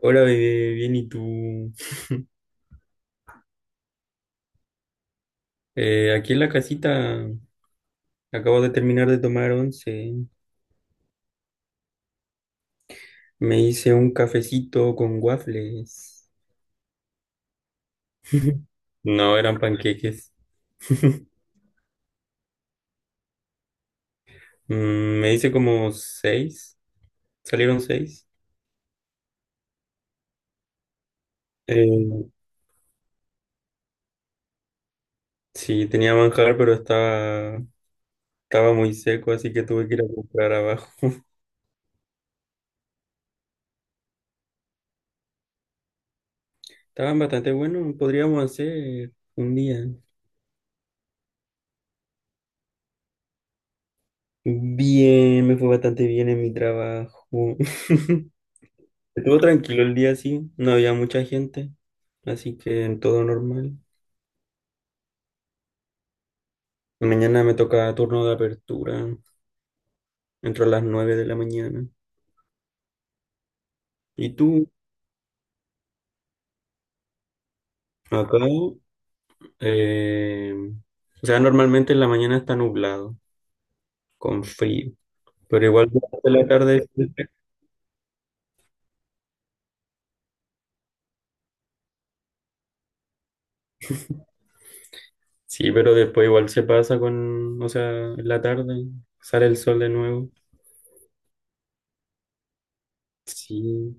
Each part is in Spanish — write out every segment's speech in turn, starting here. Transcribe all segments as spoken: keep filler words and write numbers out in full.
Hola, bebé, bien, ¿y tú? Eh, aquí en la casita acabo de terminar de tomar once. Me hice un cafecito con waffles. No, eran panqueques. Mm, me hice como seis. Salieron seis. Eh, sí, tenía manjar, pero estaba, estaba muy seco, así que tuve que ir a comprar abajo. Estaban bastante buenos, podríamos hacer un día. Bien, me fue bastante bien en mi trabajo. Estuvo tranquilo el día, sí, no había mucha gente, así que en todo normal. Mañana me toca turno de apertura, entro a las nueve de la mañana. ¿Y tú? Acá, eh, o sea, normalmente en la mañana está nublado, con frío, pero igual durante la tarde, sí, pero después igual se pasa con, o sea, en la tarde sale el sol de nuevo. Sí,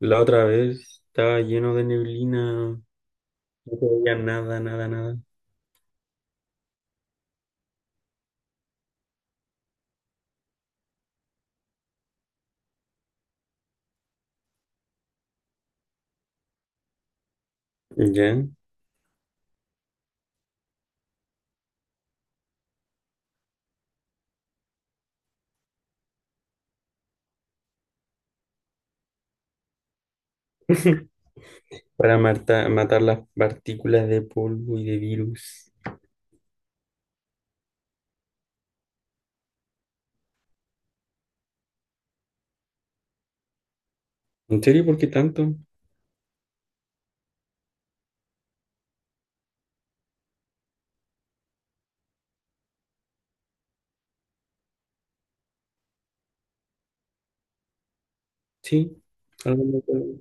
la otra vez estaba lleno de neblina, no se veía nada, nada, nada. ¿Ya? Para marta- matar las partículas de polvo y de virus. ¿En serio? ¿Por qué tanto? Sí, algo me acuerdo.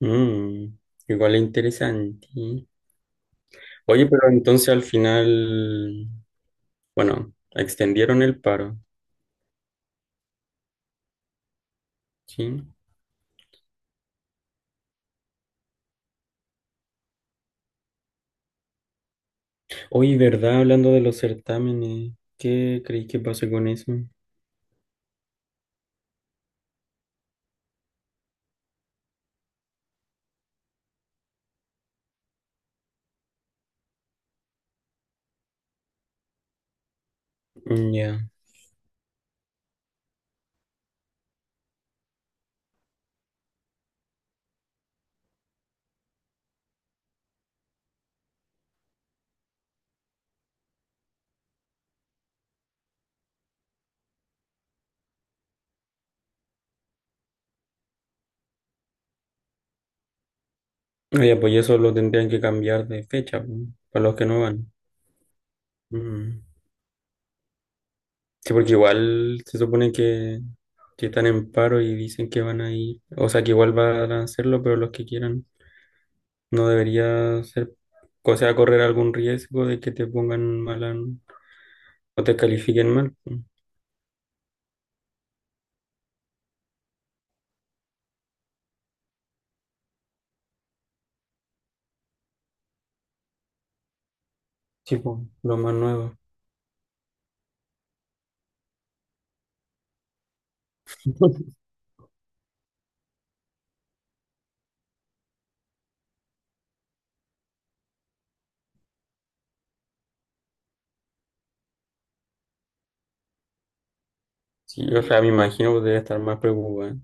Mm, Igual es interesante. Oye, pero entonces al final, bueno, extendieron el paro, ¿sí? Oye, ¿verdad? Hablando de los certámenes, ¿qué creéis que pase con eso? Mm. Ya. Oye, pues eso lo tendrían que cambiar de fecha, po, para los que no van. Mm. Sí, porque igual se supone que, que están en paro y dicen que van a ir, o sea, que igual van a hacerlo, pero los que quieran no debería ser, o sea, correr algún riesgo de que te pongan mal an- o te califiquen mal. Tipo, lo más nuevo. Sí, o sea, me imagino que debe estar más preocupada.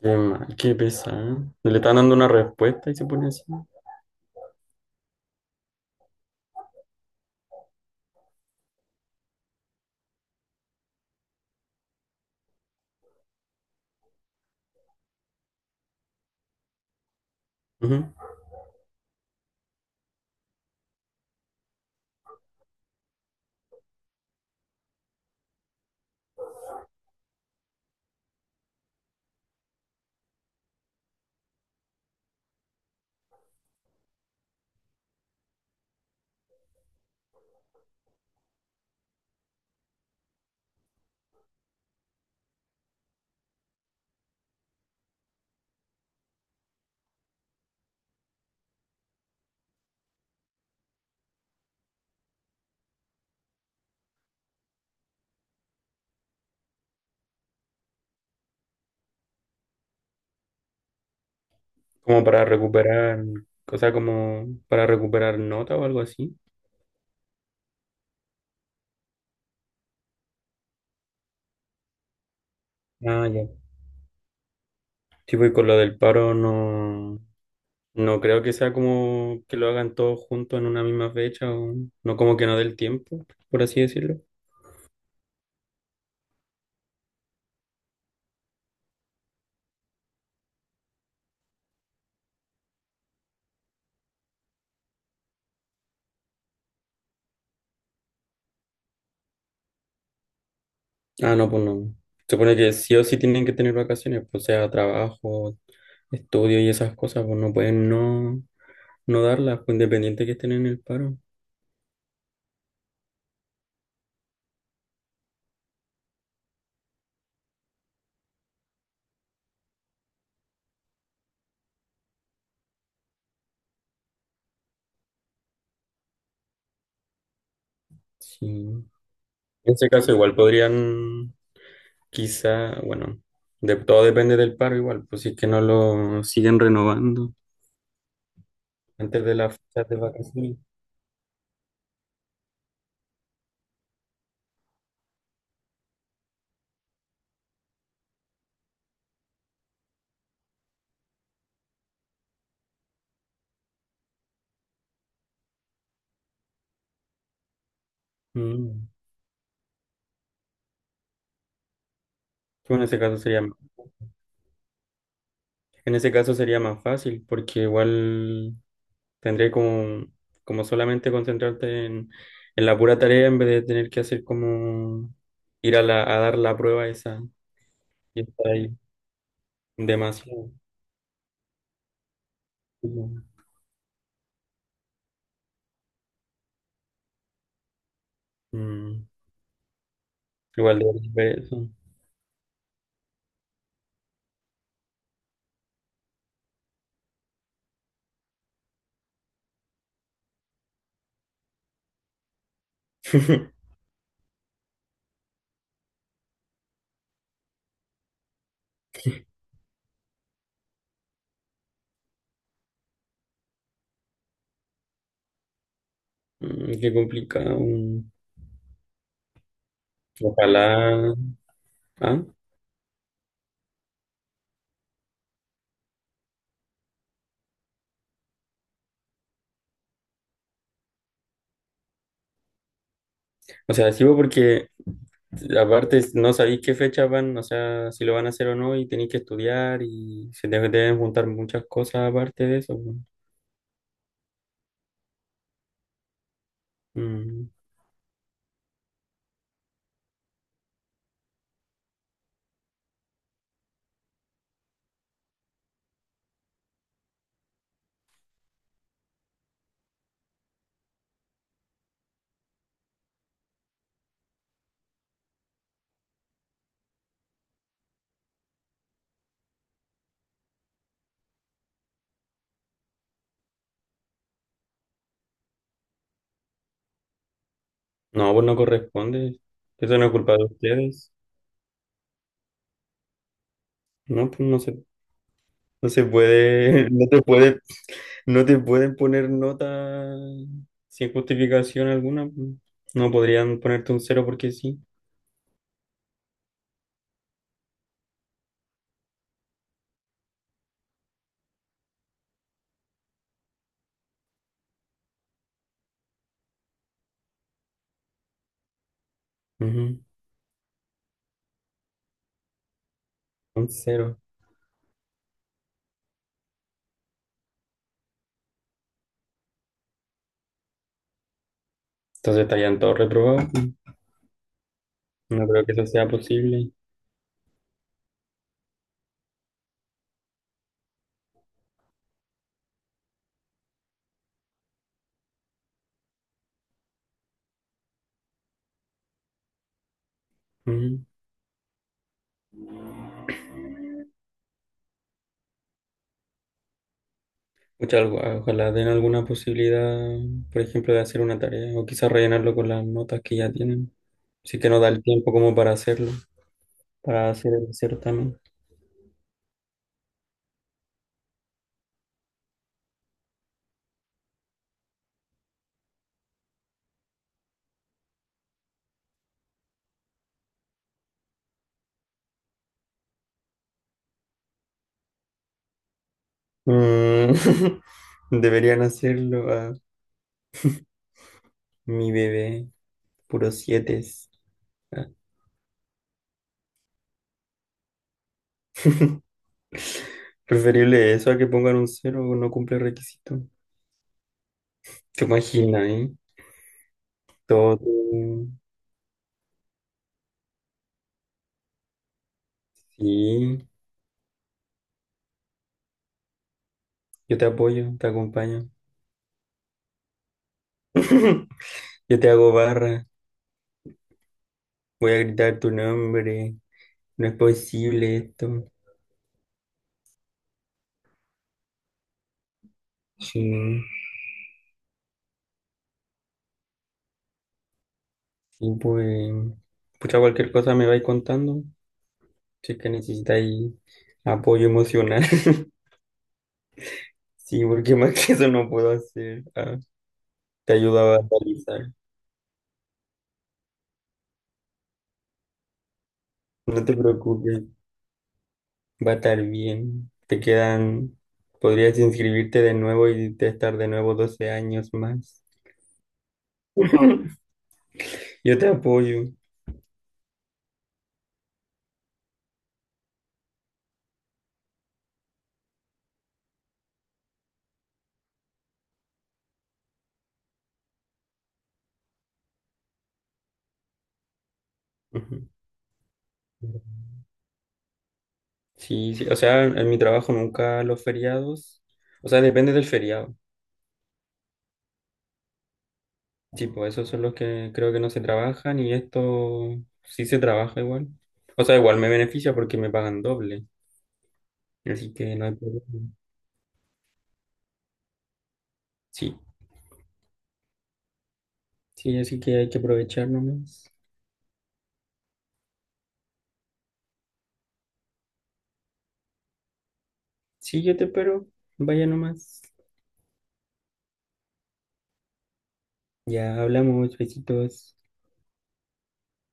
Qué mal, qué pesado. Le están dando una respuesta y se pone así. Ujú. Como para recuperar, o sea, como para recuperar nota o algo así. Ah, ya. Tipo, y con lo del paro no, no creo que sea como que lo hagan todos juntos en una misma fecha, o no como que no del tiempo, por así decirlo. Ah, no, pues no. Se supone que sí o sí tienen que tener vacaciones, pues sea trabajo, estudio y esas cosas, pues no pueden no, no darlas, pues independiente que estén en el paro. Sí. En ese caso igual podrían, quizá, bueno, de, todo depende del paro igual, pues si es que no lo siguen renovando antes de las fechas de vacaciones. Mm. Pues en ese caso sería, en ese caso sería más fácil porque igual tendré como, como solamente concentrarte en, en la pura tarea en vez de tener que hacer como ir a, la, a dar la prueba esa y estar ahí demasiado. Mm, Igual de ver eso. Mm, qué complicado. Ojalá. ¿Ah? O sea, sí, porque aparte, no sabéis qué fecha van, o sea, si lo van a hacer o no, y tenéis que estudiar y se te deben juntar muchas cosas aparte de eso, pues. Mm. No, pues no corresponde. Eso no es culpa de ustedes. No, pues no se, no se puede, no te puede, no te pueden poner nota sin justificación alguna, pues. No podrían ponerte un cero porque sí. Ujú. Un cero. Entonces estarían todos reprobados, pues. No creo que eso sea posible. Ujú. Pucha, algo- ojalá den alguna posibilidad, por ejemplo, de hacer una tarea o quizás rellenarlo con las notas que ya tienen. Sí que no da el tiempo como para hacerlo, para hacer el certamen. Mm. Deberían hacerlo a mi bebé, puro siete. Ah. Preferible eso a que pongan un cero o no cumple requisito. ¿Te imaginas, eh? Todo. Sí, yo te apoyo, te acompaño. Yo te hago barra, voy a gritar tu nombre. No es posible esto. Sí, y pues, pucha, cualquier cosa me vais contando. Si es que necesitáis apoyo emocional. Sí, porque más que eso no puedo hacer. Ah, te ayudo a batalizar. No te preocupes, va a estar bien. Te quedan, podrías inscribirte de nuevo y te estar de nuevo doce años más. Yo te apoyo. Ujú. Sí, sí, o sea, en mi trabajo nunca los feriados, o sea, depende del feriado. Sí, pues esos son los que creo que no se trabajan y esto sí se trabaja igual. O sea, igual me beneficia porque me pagan doble. Así que no hay problema. Sí, sí, así que hay que aprovechar nomás. Sí, yo te espero. Vaya nomás. Ya hablamos, besitos.